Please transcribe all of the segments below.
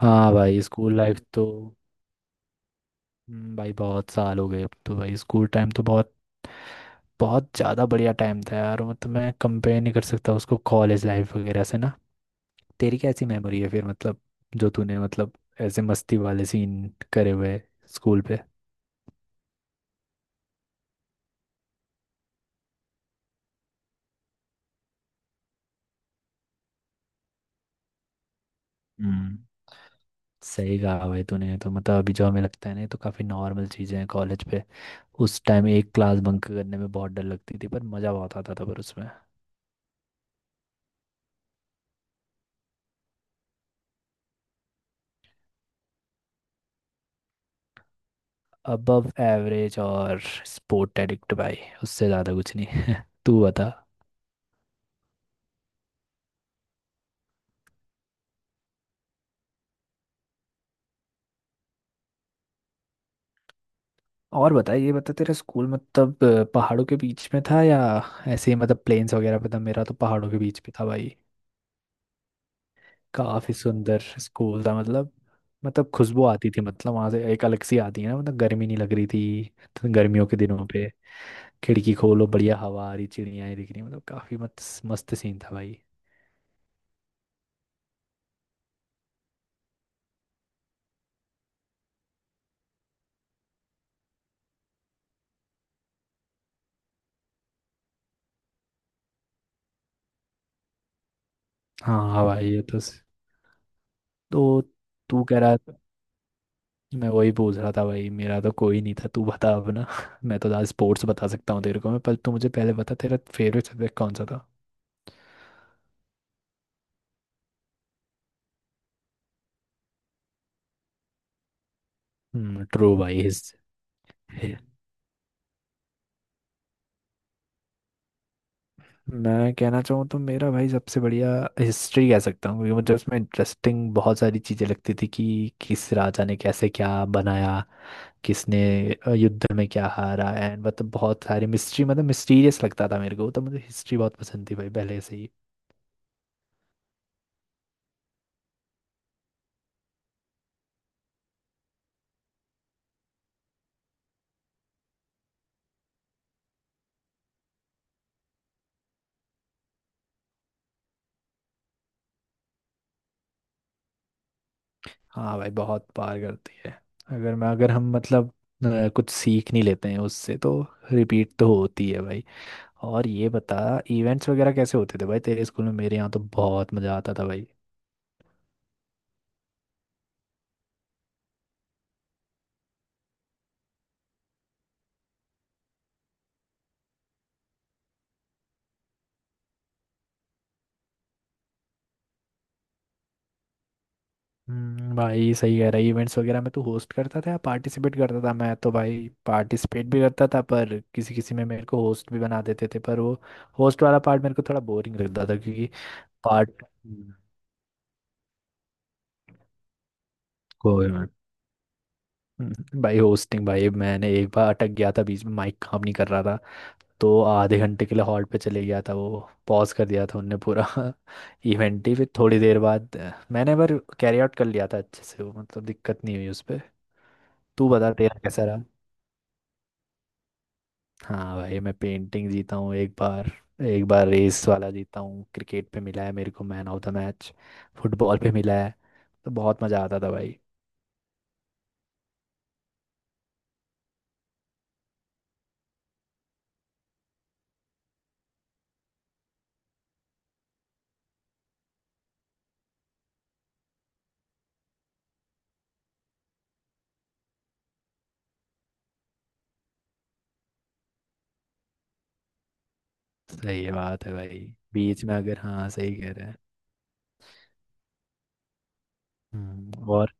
हाँ भाई, school life तो भाई बहुत साल हो गए। अब तो भाई स्कूल टाइम तो बहुत बहुत ज़्यादा बढ़िया टाइम था यार। मतलब मैं कंपेयर नहीं कर सकता उसको कॉलेज लाइफ वगैरह से ना। तेरी कैसी मेमोरी है फिर, मतलब जो तूने मतलब ऐसे मस्ती वाले सीन करे हुए स्कूल पे। हम्म। सही कहा भाई तूने। तो मतलब अभी जो हमें लगता है ना, ये तो काफ़ी नॉर्मल चीज़ें हैं। कॉलेज पे उस टाइम एक क्लास बंक करने में बहुत डर लगती थी, पर मज़ा बहुत आता था पर उसमें। अबव एवरेज और स्पोर्ट एडिक्ट भाई, उससे ज़्यादा कुछ नहीं। तू बता। और बता, ये बता तेरा स्कूल मतलब पहाड़ों के बीच में था या ऐसे ही मतलब प्लेन्स वगैरह पे था? मेरा तो पहाड़ों के बीच पे था भाई। काफ़ी सुंदर स्कूल था मतलब। मतलब खुशबू आती थी, मतलब वहाँ से एक अलग सी आती है ना। मतलब गर्मी नहीं लग रही थी तो गर्मियों के दिनों पे खिड़की खोलो, बढ़िया हवा आ रही, चिड़ियाँ दिख रही। मतलब काफ़ी मस्त मस्त सीन था भाई। हाँ हाँ भाई, ये तो तू कह रहा। मैं वही पूछ रहा था भाई। मेरा तो कोई नहीं था, तू बता अब ना। मैं तो आज स्पोर्ट्स बता सकता हूँ तेरे को मैं, पर तू मुझे पहले बता तेरा फेवरेट सब्जेक्ट कौन सा था। हम्म, ट्रू भाई। हि- मैं कहना चाहूँ तो मेरा भाई सबसे बढ़िया हिस्ट्री कह सकता हूँ, क्योंकि मुझे उसमें इंटरेस्टिंग बहुत सारी चीज़ें लगती थी कि किस राजा ने कैसे क्या बनाया, किसने युद्ध में क्या हारा एंड। मतलब बहुत सारी मिस्ट्री, मतलब मिस्टीरियस लगता था मेरे को, तो मुझे हिस्ट्री बहुत पसंद थी भाई पहले से ही। हाँ भाई, बहुत पार करती है। अगर हम मतलब कुछ सीख नहीं लेते हैं उससे तो रिपीट तो होती है भाई। और ये बता, इवेंट्स वगैरह कैसे होते थे भाई तेरे स्कूल में? मेरे यहाँ तो बहुत मज़ा आता था भाई। भाई सही कह रहा है। इवेंट्स वगैरह में तू होस्ट करता था या पार्टिसिपेट करता था? मैं तो भाई पार्टिसिपेट भी करता था, पर किसी किसी में मेरे को होस्ट भी बना देते थे। पर वो होस्ट वाला पार्ट मेरे को थोड़ा बोरिंग लगता था, क्योंकि पार्ट कोई। भाई होस्टिंग, भाई मैंने एक बार अटक गया था बीच में। माइक काम नहीं कर रहा था तो आधे घंटे के लिए हॉल्ट पे चले गया था वो, पॉज कर दिया था उनने पूरा। इवेंट ही फिर, थोड़ी देर बाद मैंने पर कैरी आउट कर लिया था अच्छे से वो, मतलब दिक्कत नहीं हुई उस पर। तू बता तेरा कैसा रहा? हाँ भाई, मैं पेंटिंग जीता हूँ एक बार, एक बार रेस वाला जीता हूँ, क्रिकेट पे मिला है मेरे को man of the match, football पे मिला है। तो बहुत मज़ा आता था भाई। सही है, बात है भाई। बीच में अगर, हाँ, सही कह रहे हैं। हम्म, और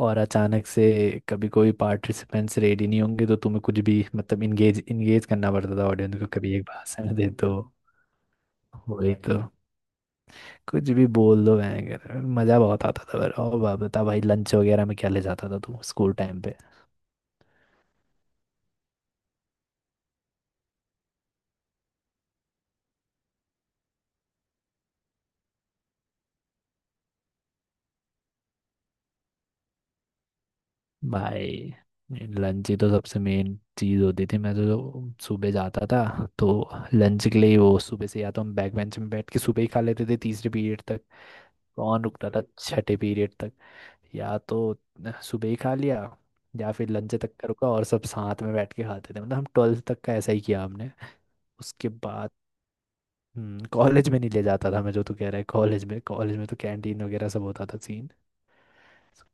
और अचानक से कभी कोई पार्टिसिपेंट्स रेडी नहीं होंगे तो तुम्हें कुछ भी, मतलब इंगेज इंगेज करना पड़ता था ऑडियंस को, कभी एक भाषण दे दो। वही तो, कुछ भी बोल दो। मैं कर, मज़ा बहुत आता था पर। और बता भाई, लंच वगैरह में क्या ले जाता था तू स्कूल टाइम पे? भाई लंच ही तो सबसे मेन चीज़ होती थी। मैं तो जो सुबह जाता था तो लंच के लिए ही वो। सुबह से या तो हम बैक बेंच में बैठ के सुबह ही खा लेते थे तीसरे पीरियड तक। कौन रुकता था छठे पीरियड तक? या तो सुबह ही खा लिया, या फिर लंच तक का रुका और सब साथ में बैठ के खाते थे। मतलब हम ट्वेल्थ तक का ऐसा ही किया हमने। उसके बाद कॉलेज में नहीं ले जाता था मैं, जो तू कह रहा है। कॉलेज में तो कैंटीन वगैरह सब होता था सीन।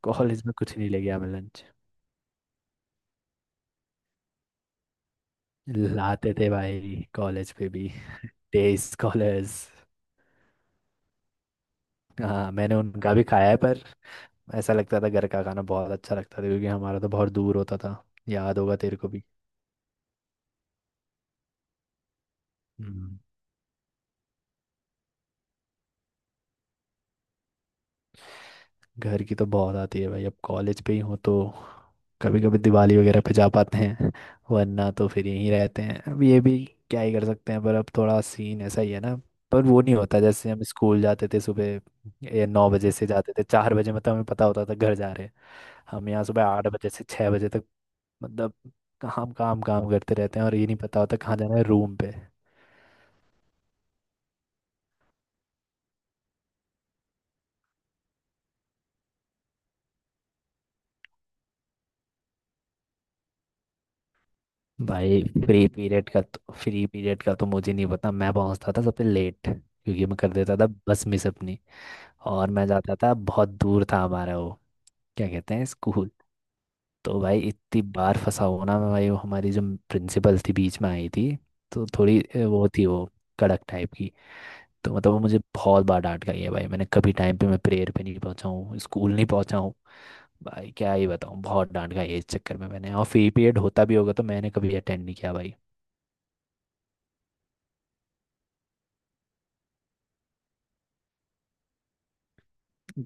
कॉलेज में कुछ नहीं ले गया मैं लंच। लाते थे भाई कॉलेज पे भी डे स्कॉलर्स। हाँ मैंने उनका भी खाया है, पर ऐसा लगता था घर का खाना बहुत अच्छा लगता था, क्योंकि हमारा तो बहुत दूर होता था। याद होगा तेरे को भी। हम्म। घर की तो बहुत आती है भाई। अब कॉलेज पे ही हो तो कभी कभी दिवाली वगैरह पे जा पाते हैं, वरना तो फिर यहीं रहते हैं। अब ये भी क्या ही कर सकते हैं? पर अब थोड़ा सीन ऐसा ही है ना। पर वो नहीं होता जैसे हम स्कूल जाते थे सुबह। ये 9 बजे से जाते थे, 4 बजे मतलब हमें पता होता था घर जा रहे हैं। हम यहाँ सुबह 8 बजे से 6 बजे तक, मतलब काम काम काम करते रहते हैं और ये नहीं पता होता कहाँ जाना है रूम पे। भाई फ्री पीरियड का तो मुझे नहीं पता। मैं पहुंचता था सबसे लेट, क्योंकि मैं कर देता था बस मिस अपनी। और मैं जाता था, बहुत दूर था हमारा वो, क्या कहते हैं, स्कूल। तो भाई इतनी बार फंसा हुआ ना मैं भाई। वो हमारी जो प्रिंसिपल थी बीच में आई थी, तो थोड़ी वो थी वो, कड़क टाइप की। तो मतलब वो मुझे बहुत बार डांट गई है भाई। मैंने कभी टाइम पे, मैं प्रेयर पे नहीं पहुंचा हूँ, स्कूल नहीं पहुंचा हूँ। भाई क्या ही बताऊँ, बहुत डांट गई है इस चक्कर में मैंने। और फ्री पीरियड होता भी होगा तो मैंने कभी अटेंड नहीं किया भाई।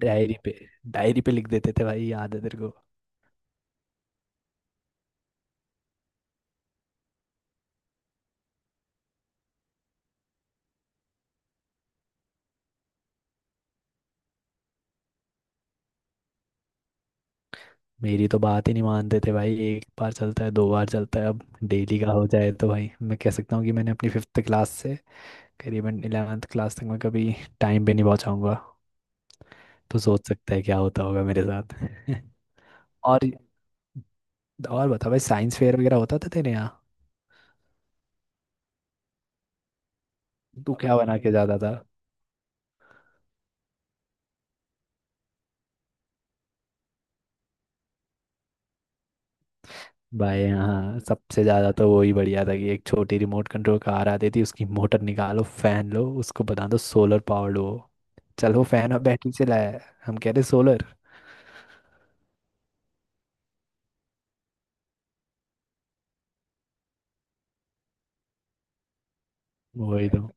डायरी पे, डायरी पे लिख देते थे भाई, याद है तेरे को। मेरी तो बात ही नहीं मानते थे भाई। एक बार चलता है, दो बार चलता है, अब डेली का हो जाए तो भाई, मैं कह सकता हूँ कि मैंने अपनी फिफ्थ क्लास से करीबन 11th क्लास तक मैं कभी टाइम पे नहीं पहुँचाऊँगा। तो सोच सकता है क्या होता होगा मेरे साथ। और और बता भाई, साइंस फेयर वगैरह होता था तेरे यहाँ? तू क्या बना के जाता था? भाई हाँ, सबसे ज़्यादा तो वही बढ़िया था कि एक छोटी रिमोट कंट्रोल कार आती थी, उसकी मोटर निकालो, फैन लो, उसको बता दो सोलर पावर्ड हो। चल, वो फैन अब बैटरी से लाया है, हम कह रहे सोलर। वही तो।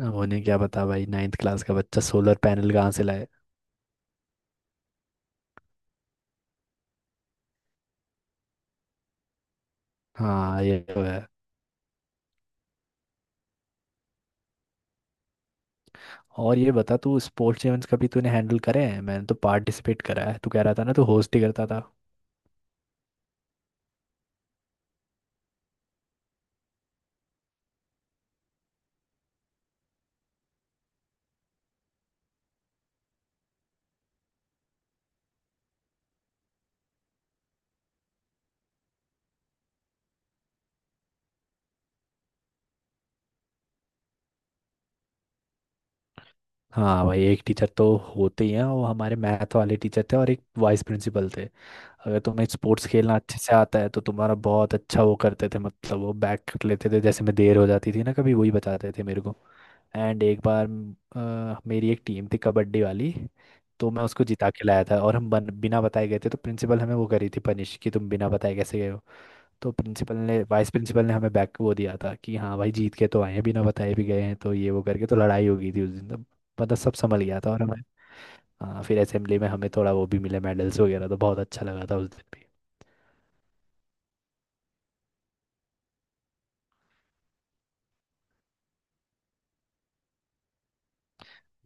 अब उन्हें क्या बता भाई, नाइन्थ क्लास का बच्चा सोलर पैनल कहाँ से लाए? हाँ ये तो है। और ये बता, तू स्पोर्ट्स इवेंट्स कभी तूने हैंडल करे हैं? मैंने तो पार्टिसिपेट करा है, तू कह रहा था ना तू होस्ट ही करता था। हाँ भाई, एक टीचर तो होते ही हैं। वो हमारे मैथ वाले टीचर थे और एक वाइस प्रिंसिपल थे। अगर तुम्हें स्पोर्ट्स खेलना अच्छे से आता है तो तुम्हारा बहुत अच्छा वो करते थे, मतलब वो बैक कर लेते थे। जैसे मैं देर हो जाती थी ना कभी, वही बताते थे मेरे को। एंड एक बार मेरी एक टीम थी कबड्डी वाली। तो मैं उसको जिता के लाया था, और हम बिना बताए गए थे, तो प्रिंसिपल हमें वो करी थी पनिश, कि तुम बिना बताए कैसे गए। तो प्रिंसिपल ने वाइस प्रिंसिपल ने हमें बैक वो दिया था कि हाँ भाई जीत के तो आए हैं, बिना बताए भी गए हैं। तो ये वो करके तो लड़ाई हो गई थी उस दिन तो। मतलब सब संभल गया था, और हमें, हाँ, फिर असेंबली में हमें थोड़ा वो भी मिले मेडल्स वगैरह। तो बहुत अच्छा लगा था उस दिन भी।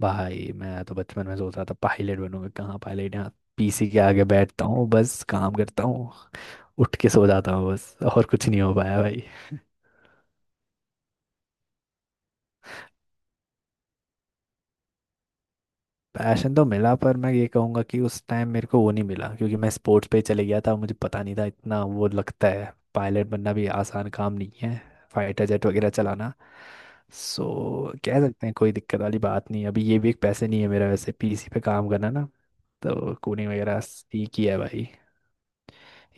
भाई मैं तो बचपन में सोच रहा था पायलट बनूंगा। कहाँ पायलट, यहाँ पीसी के आगे बैठता हूँ, बस काम करता हूँ, उठ के सो जाता हूँ बस। और कुछ नहीं हो पाया भाई। पैशन तो मिला, पर मैं ये कहूँगा कि उस टाइम मेरे को वो नहीं मिला, क्योंकि मैं स्पोर्ट्स पे चले गया था। मुझे पता नहीं था इतना वो। लगता है पायलट बनना भी आसान काम नहीं है, फाइटर जेट वगैरह चलाना। सो कह सकते हैं कोई दिक्कत वाली बात नहीं है अभी। ये भी एक पैसे नहीं है मेरा वैसे, पीसी पे काम करना ना। तो कोडिंग वगैरह सीखी है भाई।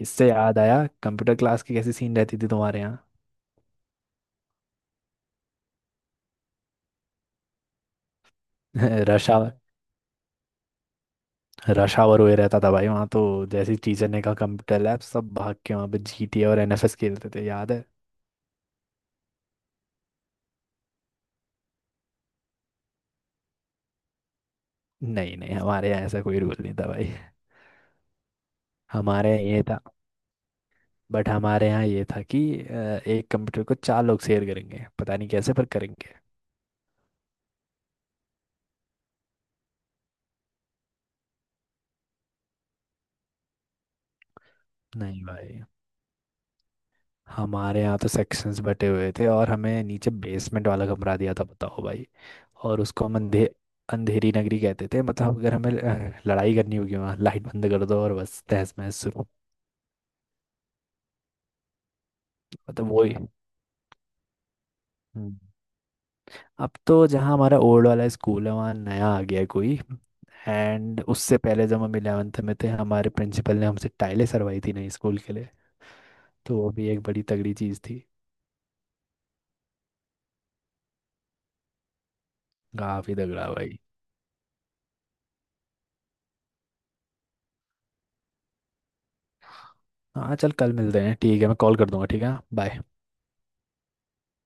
इससे याद आया, कंप्यूटर क्लास की कैसी सीन रहती थी तुम्हारे यहाँ? रश आवर, रश आवर हुए रहता था भाई वहाँ तो। जैसे ही टीचर ने कहा कंप्यूटर लैब, सब भाग के वहाँ पे जीटीए और एनएफएस खेलते थे, याद है? नहीं नहीं, हमारे यहाँ ऐसा कोई रूल नहीं था भाई। हमारे यहाँ ये था बट हमारे यहाँ ये था कि एक कंप्यूटर को चार लोग शेयर करेंगे, पता नहीं कैसे पर करेंगे। नहीं भाई, हमारे यहाँ तो सेक्शंस बटे हुए थे, और हमें नीचे बेसमेंट वाला कमरा दिया था, बताओ भाई। और उसको हम अंधेरी नगरी कहते थे। मतलब अगर हमें लड़ाई करनी होगी, वहाँ लाइट बंद कर दो और बस तहस महस शुरू। मतलब वही। हम्म। अब तो जहाँ हमारा ओल्ड वाला स्कूल है वहाँ नया आ गया है कोई। एंड उससे पहले जब हम 11th में थे, हमारे प्रिंसिपल ने हमसे टाइलें सरवाई थी नई स्कूल के लिए। तो वो भी एक बड़ी तगड़ी चीज़ थी। काफ़ी तगड़ा भाई। हाँ चल, कल मिलते हैं, ठीक है। मैं कॉल कर दूंगा, ठीक है, बाय।